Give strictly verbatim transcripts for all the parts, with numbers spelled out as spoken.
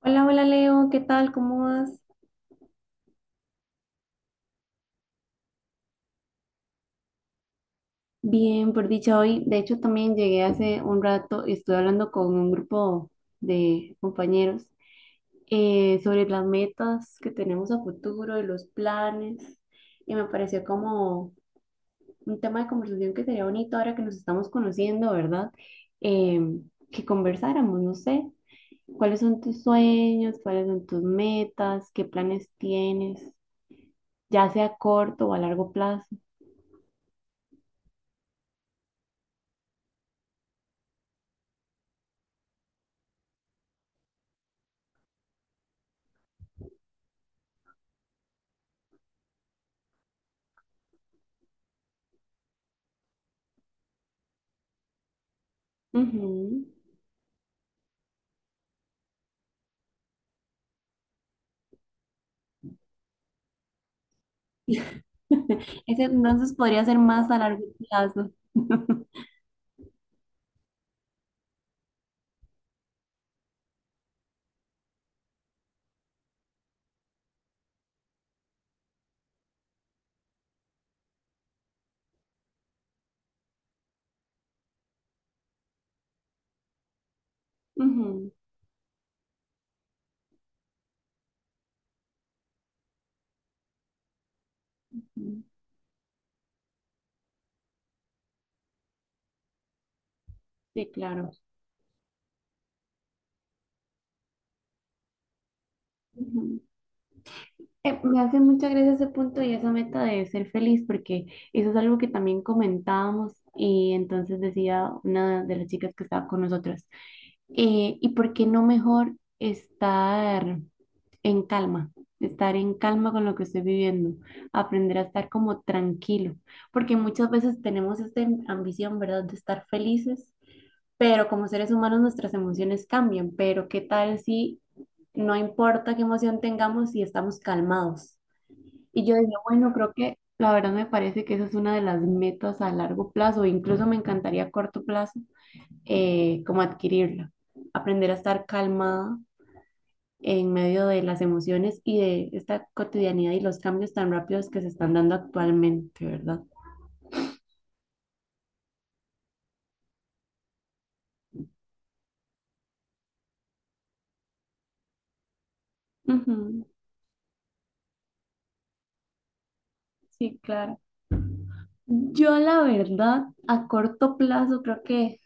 Hola, hola Leo, ¿qué tal? ¿Cómo vas? Bien, por dicha hoy. De hecho, también llegué hace un rato y estuve hablando con un grupo de compañeros eh, sobre las metas que tenemos a futuro y los planes. Y me pareció como un tema de conversación que sería bonito ahora que nos estamos conociendo, ¿verdad? Eh, que conversáramos, no sé, cuáles son tus sueños, cuáles son tus metas, qué planes tienes, ya sea a corto o a largo plazo. Ujú. Ese entonces podría ser más a largo plazo. Ujú, ujú. Sí, claro. Ujú. Eh, me hace mucha gracia ese punto y esa meta de ser feliz, porque eso es algo que también comentábamos y entonces decía una de las chicas que estaba con nosotros, eh, ¿y por qué no mejor estar en calma? Estar en calma con lo que estoy viviendo, aprender a estar como tranquilo, porque muchas veces tenemos esta ambición, ¿verdad?, de estar felices, pero como seres humanos nuestras emociones cambian, pero ¿qué tal si no importa qué emoción tengamos si estamos calmados? Y yo decía, bueno, creo que la verdad me parece que esa es una de las metas a largo plazo, incluso me encantaría a corto plazo, eh, como adquirirla, aprender a estar calmada en medio de las emociones y de esta cotidianidad y los cambios tan rápidos que se están dando actualmente, ¿verdad? Ujú. Sí, claro. Yo la verdad, a corto plazo creo que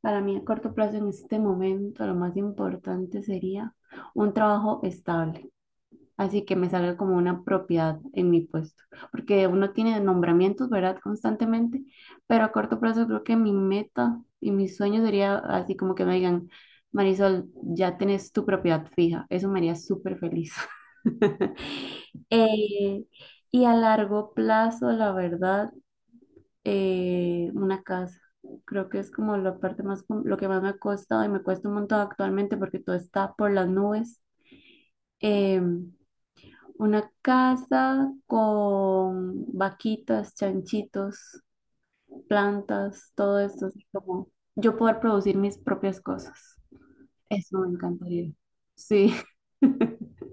para mí, a corto plazo, en este momento, lo más importante sería un trabajo estable, así que me salga como una propiedad en mi puesto, porque uno tiene nombramientos, ¿verdad? Constantemente, pero a corto plazo creo que mi meta y mi sueño sería así como que me digan, Marisol, ya tenés tu propiedad fija, eso me haría súper feliz. Eh, y a largo plazo, la verdad eh, una casa. Creo que es como la parte más, com- lo que más me ha costado y me cuesta un montón actualmente porque todo está por las nubes. Em, una casa con vaquitas, chanchitos, plantas, todo esto, así como yo poder producir mis propias cosas. Eso me encantaría. Sí.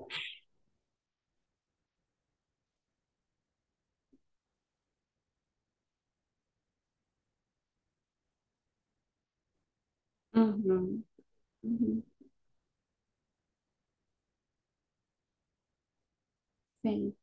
Ujú, ujú. Sí.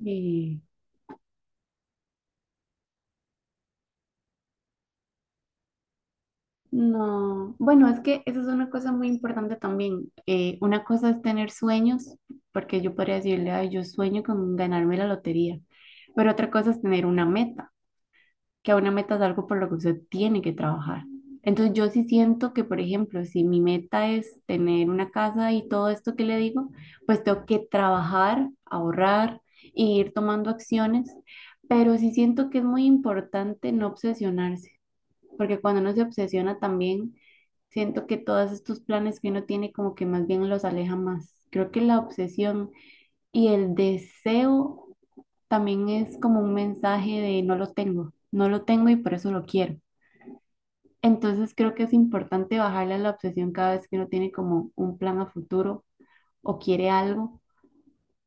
Y no, bueno, es que eso es una cosa muy importante también. Eh, una cosa es tener sueños, porque yo podría decirle, ay, yo sueño con ganarme la lotería, pero otra cosa es tener una meta, que una meta es algo por lo que usted tiene que trabajar. Entonces yo sí siento que, por ejemplo, si mi meta es tener una casa y todo esto que le digo, pues tengo que trabajar, ahorrar e ir tomando acciones, pero sí siento que es muy importante no obsesionarse, porque cuando uno se obsesiona también, siento que todos estos planes que uno tiene como que más bien los aleja más. Creo que la obsesión y el deseo también es como un mensaje de no lo tengo, no lo tengo y por eso lo quiero. Entonces creo que es importante bajarle a la obsesión cada vez que uno tiene como un plan a futuro o quiere algo,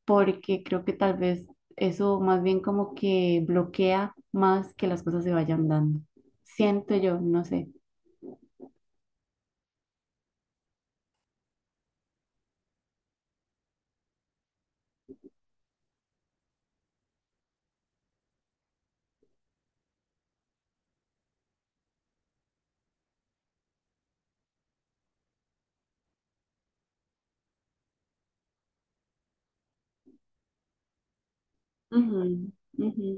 porque creo que tal vez eso más bien como que bloquea más que las cosas se vayan dando. Siento yo, no sé. Ujú, ujú.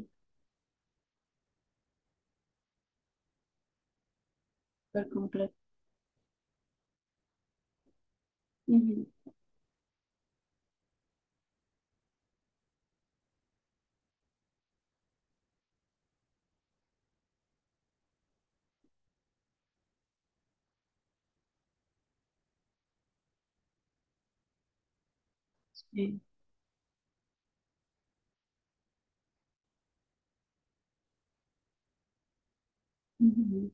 Súper completo. Ujú. Sí. Ujú.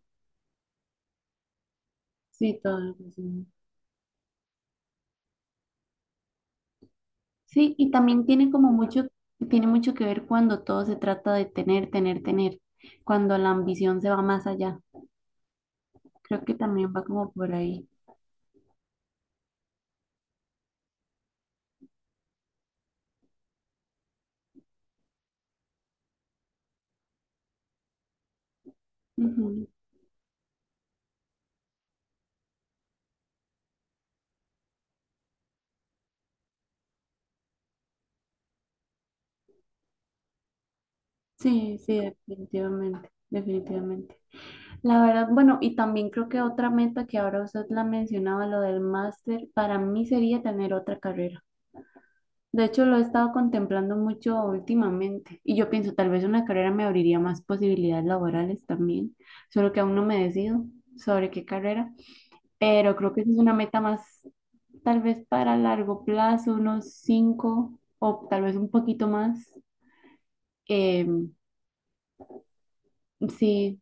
Sí, todo lo que sí. Sí, y también tiene como mucho, tiene mucho que ver cuando todo se trata de tener, tener, tener, cuando la ambición se va más allá. Creo que también va como por ahí. Ujú. Sí, sí, definitivamente, definitivamente. La verdad, bueno, y también creo que otra meta que ahora usted la mencionaba, lo del máster, para mí sería tener otra carrera. De hecho, lo he estado contemplando mucho últimamente y yo pienso tal vez una carrera me abriría más posibilidades laborales también, solo que aún no me decido sobre qué carrera, pero creo que esa es una meta más tal vez para largo plazo, unos cinco o tal vez un poquito más. Eh, sí,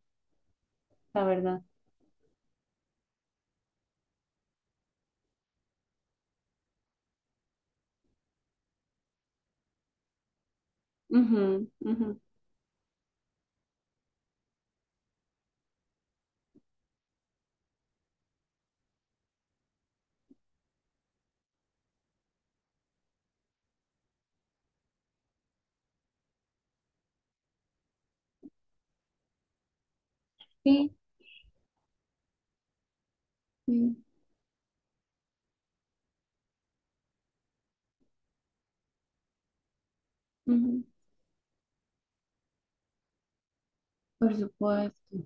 la verdad. Ujú, ujú. Sí, sí, ujú. Por supuesto.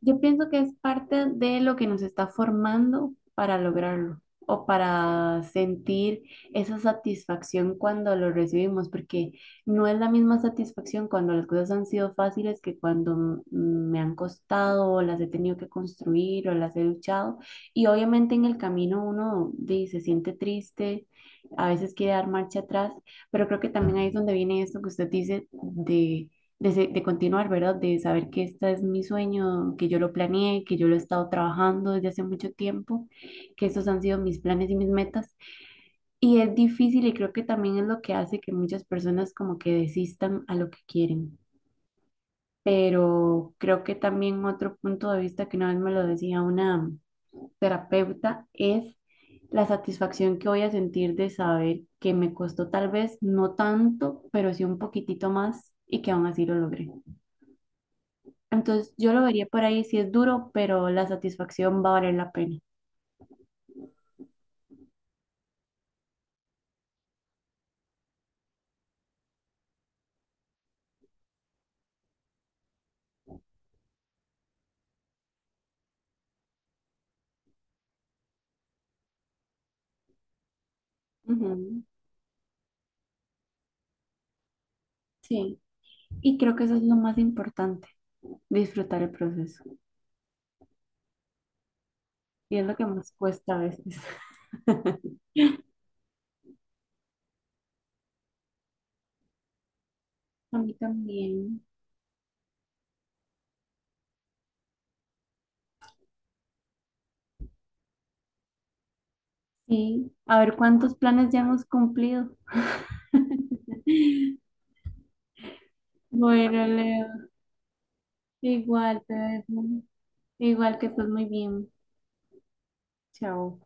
Yo pienso que es parte de lo que nos está formando para lograrlo o para sentir esa satisfacción cuando lo recibimos, porque no es la misma satisfacción cuando las cosas han sido fáciles que cuando m- me han costado o las he tenido que construir o las he luchado. Y obviamente en el camino uno di, se siente triste, a veces quiere dar marcha atrás, pero creo que también ahí es donde viene esto que usted dice de de, se- de continuar, ¿verdad? De saber que este es mi sueño, que yo lo planeé, que yo lo he estado trabajando desde hace mucho tiempo, que esos han sido mis planes y mis metas. Y es difícil y creo que también es lo que hace que muchas personas como que desistan a lo que quieren. Pero creo que también otro punto de vista que una vez me lo decía una terapeuta es la satisfacción que voy a sentir de saber que me costó tal vez no tanto, pero sí un poquitito más y que aún así lo logré. Entonces yo lo vería por ahí, si es duro, pero la satisfacción va a valer la pena. Ujú. Sí. Y creo que eso es lo más importante, disfrutar el proceso. Y es lo que más cuesta a veces. A mí también. Sí, a ver cuántos planes ya hemos cumplido. Bueno, Leo, igual te dejo. Igual que estés muy bien. Chao.